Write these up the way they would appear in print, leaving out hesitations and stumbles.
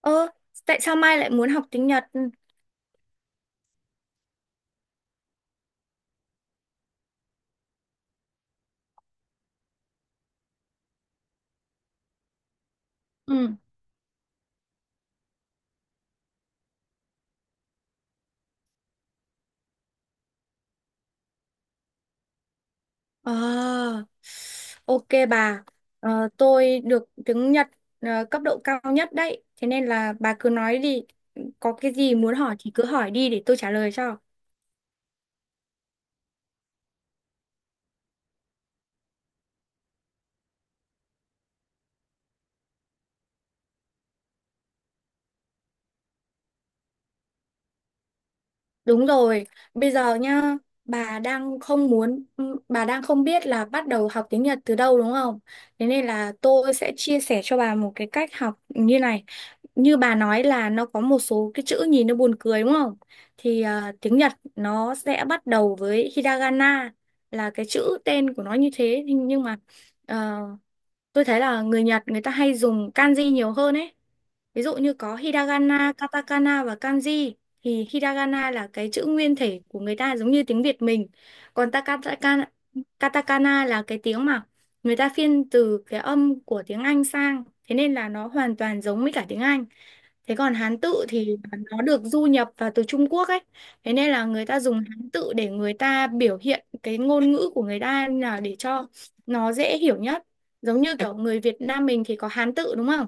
Ơ, Tại sao Mai lại muốn học tiếng Nhật? Ừ. Ờ, ok bà. Tôi được tiếng Nhật cấp độ cao nhất đấy. Thế nên là bà cứ nói đi. Có cái gì muốn hỏi thì cứ hỏi đi để tôi trả lời cho. Đúng rồi, bây giờ nhá, bà đang không muốn, bà đang không biết là bắt đầu học tiếng Nhật từ đâu đúng không? Thế nên là tôi sẽ chia sẻ cho bà một cái cách học như này. Như bà nói là nó có một số cái chữ nhìn nó buồn cười đúng không? Tiếng Nhật nó sẽ bắt đầu với Hiragana là cái chữ tên của nó như thế. Nhưng mà ờ, tôi thấy là người Nhật người ta hay dùng kanji nhiều hơn ấy. Ví dụ như có hiragana, katakana và kanji, thì hiragana là cái chữ nguyên thể của người ta giống như tiếng Việt mình. Còn katakana là cái tiếng mà người ta phiên từ cái âm của tiếng Anh sang. Thế nên là nó hoàn toàn giống với cả tiếng Anh. Thế còn Hán tự thì nó được du nhập vào từ Trung Quốc ấy. Thế nên là người ta dùng Hán tự để người ta biểu hiện cái ngôn ngữ của người ta là để cho nó dễ hiểu nhất. Giống như kiểu người Việt Nam mình thì có Hán tự đúng không?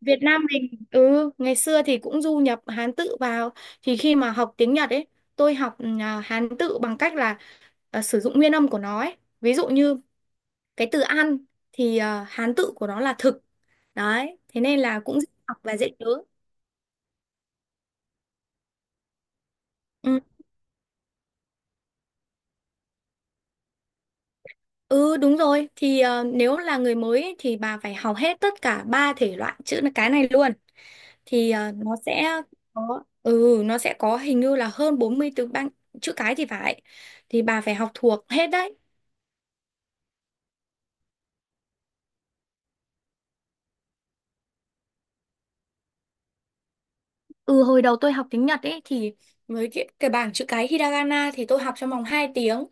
Việt Nam mình ngày xưa thì cũng du nhập Hán tự vào, thì khi mà học tiếng Nhật ấy, tôi học Hán tự bằng cách là sử dụng nguyên âm của nó ấy, ví dụ như cái từ ăn thì Hán tự của nó là thực đấy, thế nên là cũng dễ học và dễ nhớ. Ừ, ừ, đúng rồi, thì nếu là người mới ấy, thì bà phải học hết tất cả ba thể loại chữ cái này luôn. Nó sẽ có, nó sẽ có hình như là hơn 40 từ ban chữ cái thì phải, thì bà phải học thuộc hết đấy. Ừ hồi đầu tôi học tiếng Nhật ấy, thì với cái bảng chữ cái hiragana thì tôi học trong vòng 2 tiếng.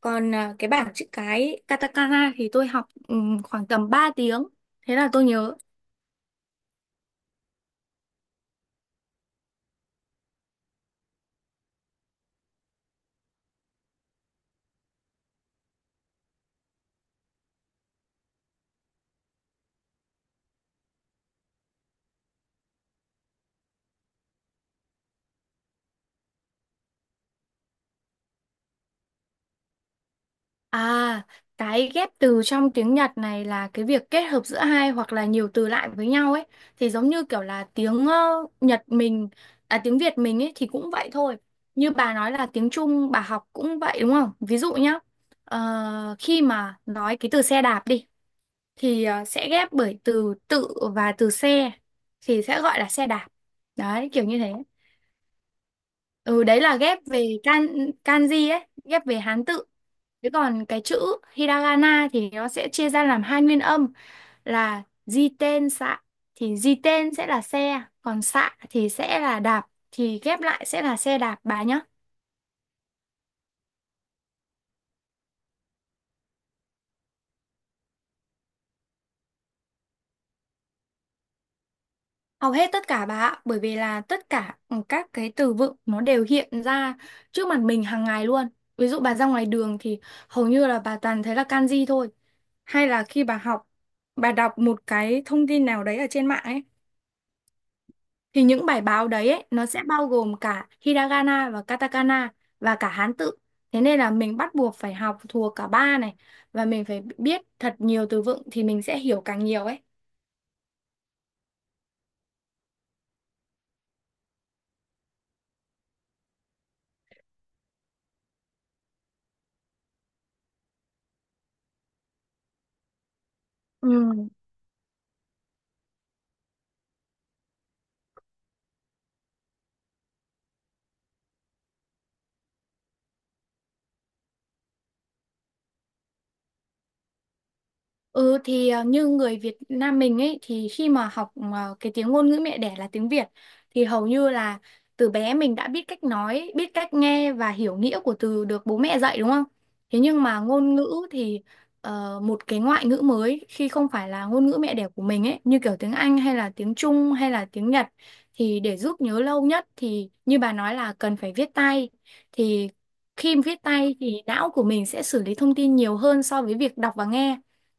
Còn cái bảng chữ cái katakana thì tôi học khoảng tầm 3 tiếng. Thế là tôi nhớ. À, cái ghép từ trong tiếng Nhật này là cái việc kết hợp giữa hai hoặc là nhiều từ lại với nhau ấy. Thì giống như kiểu là tiếng Nhật mình, à, tiếng Việt mình ấy, thì cũng vậy thôi. Như bà nói là tiếng Trung bà học cũng vậy đúng không? Ví dụ nhá, khi mà nói cái từ xe đạp đi, thì sẽ ghép bởi từ tự và từ xe, thì sẽ gọi là xe đạp, đấy kiểu như thế. Ừ Đấy là ghép về kanji ấy, ghép về Hán tự. Thế còn cái chữ hiragana thì nó sẽ chia ra làm hai nguyên âm là jiten xạ, thì jiten sẽ là xe, còn xạ thì sẽ là đạp, thì ghép lại sẽ là xe đạp, bà nhá. Hầu hết tất cả bà ạ, bởi vì là tất cả các cái từ vựng nó đều hiện ra trước mặt mình hàng ngày luôn. Ví dụ bà ra ngoài đường thì hầu như là bà toàn thấy là kanji thôi. Hay là khi bà học, bà đọc một cái thông tin nào đấy ở trên mạng ấy, thì những bài báo đấy ấy, nó sẽ bao gồm cả hiragana và katakana và cả Hán tự. Thế nên là mình bắt buộc phải học thuộc cả ba này, và mình phải biết thật nhiều từ vựng thì mình sẽ hiểu càng nhiều ấy. Ừ. Ừ thì như người Việt Nam mình ấy, thì khi mà học cái tiếng ngôn ngữ mẹ đẻ là tiếng Việt, thì hầu như là từ bé mình đã biết cách nói, biết cách nghe và hiểu nghĩa của từ được bố mẹ dạy đúng không? Thế nhưng mà ngôn ngữ thì một cái ngoại ngữ mới khi không phải là ngôn ngữ mẹ đẻ của mình ấy, như kiểu tiếng Anh hay là tiếng Trung hay là tiếng Nhật, thì để giúp nhớ lâu nhất thì như bà nói là cần phải viết tay. Thì khi viết tay thì não của mình sẽ xử lý thông tin nhiều hơn so với việc đọc và nghe.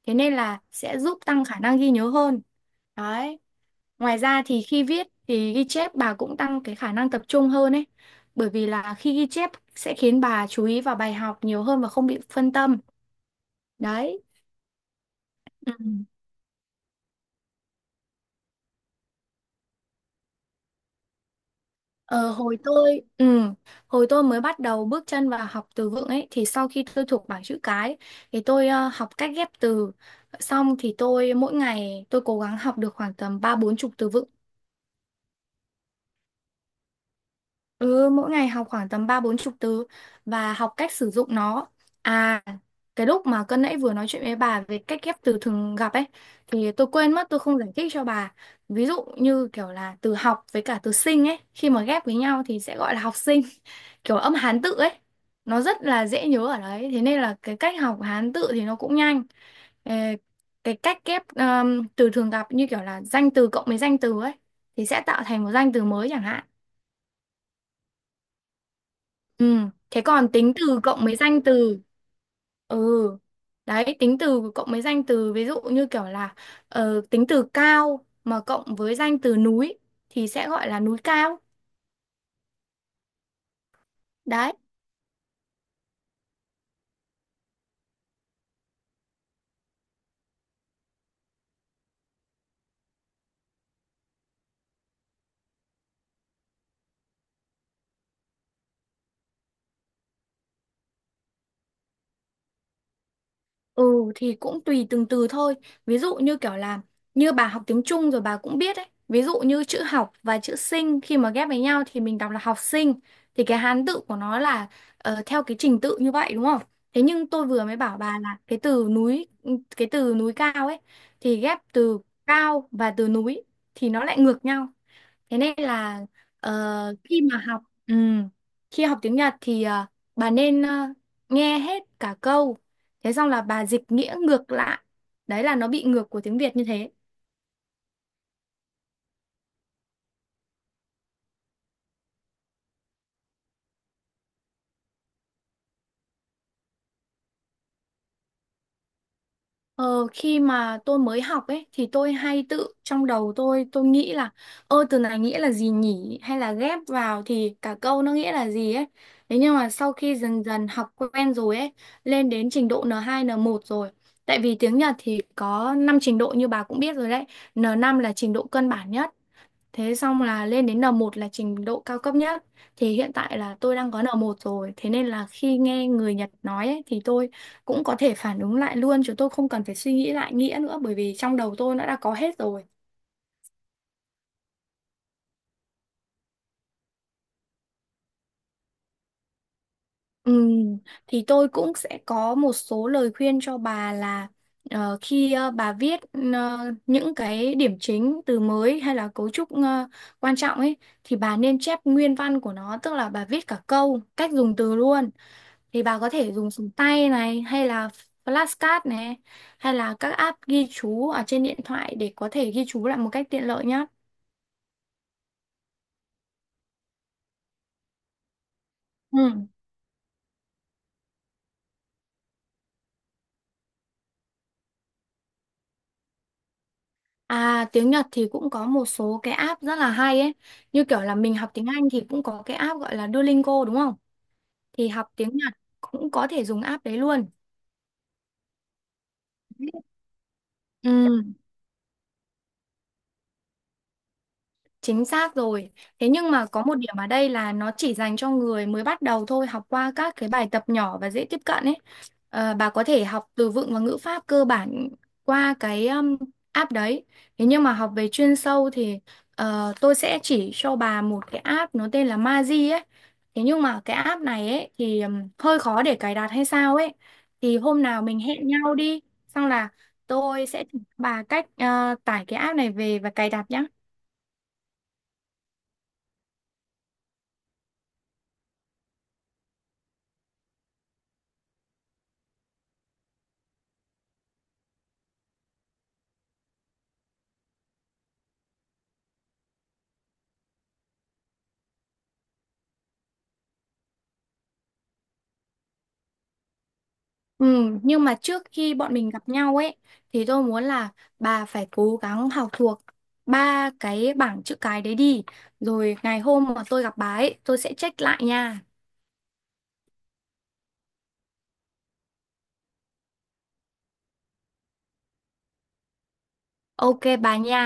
Thế nên là sẽ giúp tăng khả năng ghi nhớ hơn. Đấy. Ngoài ra thì khi viết thì ghi chép bà cũng tăng cái khả năng tập trung hơn ấy. Bởi vì là khi ghi chép sẽ khiến bà chú ý vào bài học nhiều hơn và không bị phân tâm. Đấy. Ừ. Ờ, hồi tôi ừ, hồi tôi mới bắt đầu bước chân vào học từ vựng ấy, thì sau khi tôi thuộc bảng chữ cái thì tôi học cách ghép từ, xong thì tôi, mỗi ngày tôi cố gắng học được khoảng tầm ba bốn chục từ vựng. Ừ, mỗi ngày học khoảng tầm ba bốn chục từ và học cách sử dụng nó. À, cái lúc mà cân nãy vừa nói chuyện với bà về cách ghép từ thường gặp ấy, thì tôi quên mất tôi không giải thích cho bà. Ví dụ như kiểu là từ học với cả từ sinh ấy, khi mà ghép với nhau thì sẽ gọi là học sinh, kiểu âm Hán tự ấy. Nó rất là dễ nhớ ở đấy, thế nên là cái cách học Hán tự thì nó cũng nhanh. Ờ, cái cách ghép từ thường gặp như kiểu là danh từ cộng với danh từ ấy, thì sẽ tạo thành một danh từ mới chẳng hạn. Ừ, Thế còn tính từ cộng mấy danh từ. Ừ. Đấy, tính từ cộng mấy danh từ, ví dụ như kiểu là tính từ cao mà cộng với danh từ núi thì sẽ gọi là núi cao. Đấy. Ừ thì cũng tùy từng từ thôi. Ví dụ như kiểu là như bà học tiếng Trung rồi bà cũng biết ấy. Ví dụ như chữ học và chữ sinh khi mà ghép với nhau thì mình đọc là học sinh. Thì cái Hán tự của nó là theo cái trình tự như vậy đúng không? Thế nhưng tôi vừa mới bảo bà là cái từ núi cao ấy, thì ghép từ cao và từ núi thì nó lại ngược nhau. Thế nên là ờ, khi mà học ừ, khi học tiếng Nhật thì bà nên nghe hết cả câu. Thế xong là bà dịch nghĩa ngược lại. Đấy là nó bị ngược của tiếng Việt như thế. Ờ, Khi mà tôi mới học ấy thì tôi hay tự trong đầu tôi nghĩ là, ơ từ này nghĩa là gì nhỉ, hay là ghép vào thì cả câu nó nghĩa là gì ấy. Thế nhưng mà sau khi dần dần học quen rồi ấy, lên đến trình độ N2 N1 rồi. Tại vì tiếng Nhật thì có 5 trình độ như bà cũng biết rồi đấy. N5 là trình độ cơ bản nhất, thế xong là lên đến N1 là trình độ cao cấp nhất. Thì hiện tại là tôi đang có N1 rồi. Thế nên là khi nghe người Nhật nói ấy, thì tôi cũng có thể phản ứng lại luôn. Chứ tôi không cần phải suy nghĩ lại nghĩa nữa. Bởi vì trong đầu tôi nó đã có hết rồi. Ừm, thì tôi cũng sẽ có một số lời khuyên cho bà là khi bà viết ờ, những cái điểm chính, từ mới hay là cấu trúc quan trọng ấy, thì bà nên chép nguyên văn của nó. Tức là bà viết cả câu, cách dùng từ luôn. Thì bà có thể dùng súng tay này, hay là flashcard này, hay là các app ghi chú ở trên điện thoại để có thể ghi chú lại một cách tiện lợi nhé. Ừ. Tiếng Nhật thì cũng có một số cái app rất là hay ấy. Như kiểu là mình học tiếng Anh thì cũng có cái app gọi là Duolingo đúng không? Thì học tiếng Nhật cũng có thể dùng app đấy luôn. Ừ. Chính xác rồi. Thế nhưng mà có một điểm ở đây là nó chỉ dành cho người mới bắt đầu thôi, học qua các cái bài tập nhỏ và dễ tiếp cận ấy. Bà có thể học từ vựng và ngữ pháp cơ bản qua cái app đấy. Thế nhưng mà học về chuyên sâu thì tôi sẽ chỉ cho bà một cái app nó tên là Mazi ấy. Thế nhưng mà cái app này ấy thì hơi khó để cài đặt hay sao ấy. Thì hôm nào mình hẹn nhau đi, xong là tôi sẽ chỉ cho bà cách tải cái app này về và cài đặt nhá. Ừ, nhưng mà trước khi bọn mình gặp nhau ấy thì tôi muốn là bà phải cố gắng học thuộc ba cái bảng chữ cái đấy đi. Rồi ngày hôm mà tôi gặp bà ấy, tôi sẽ check lại nha. Ok bà nha.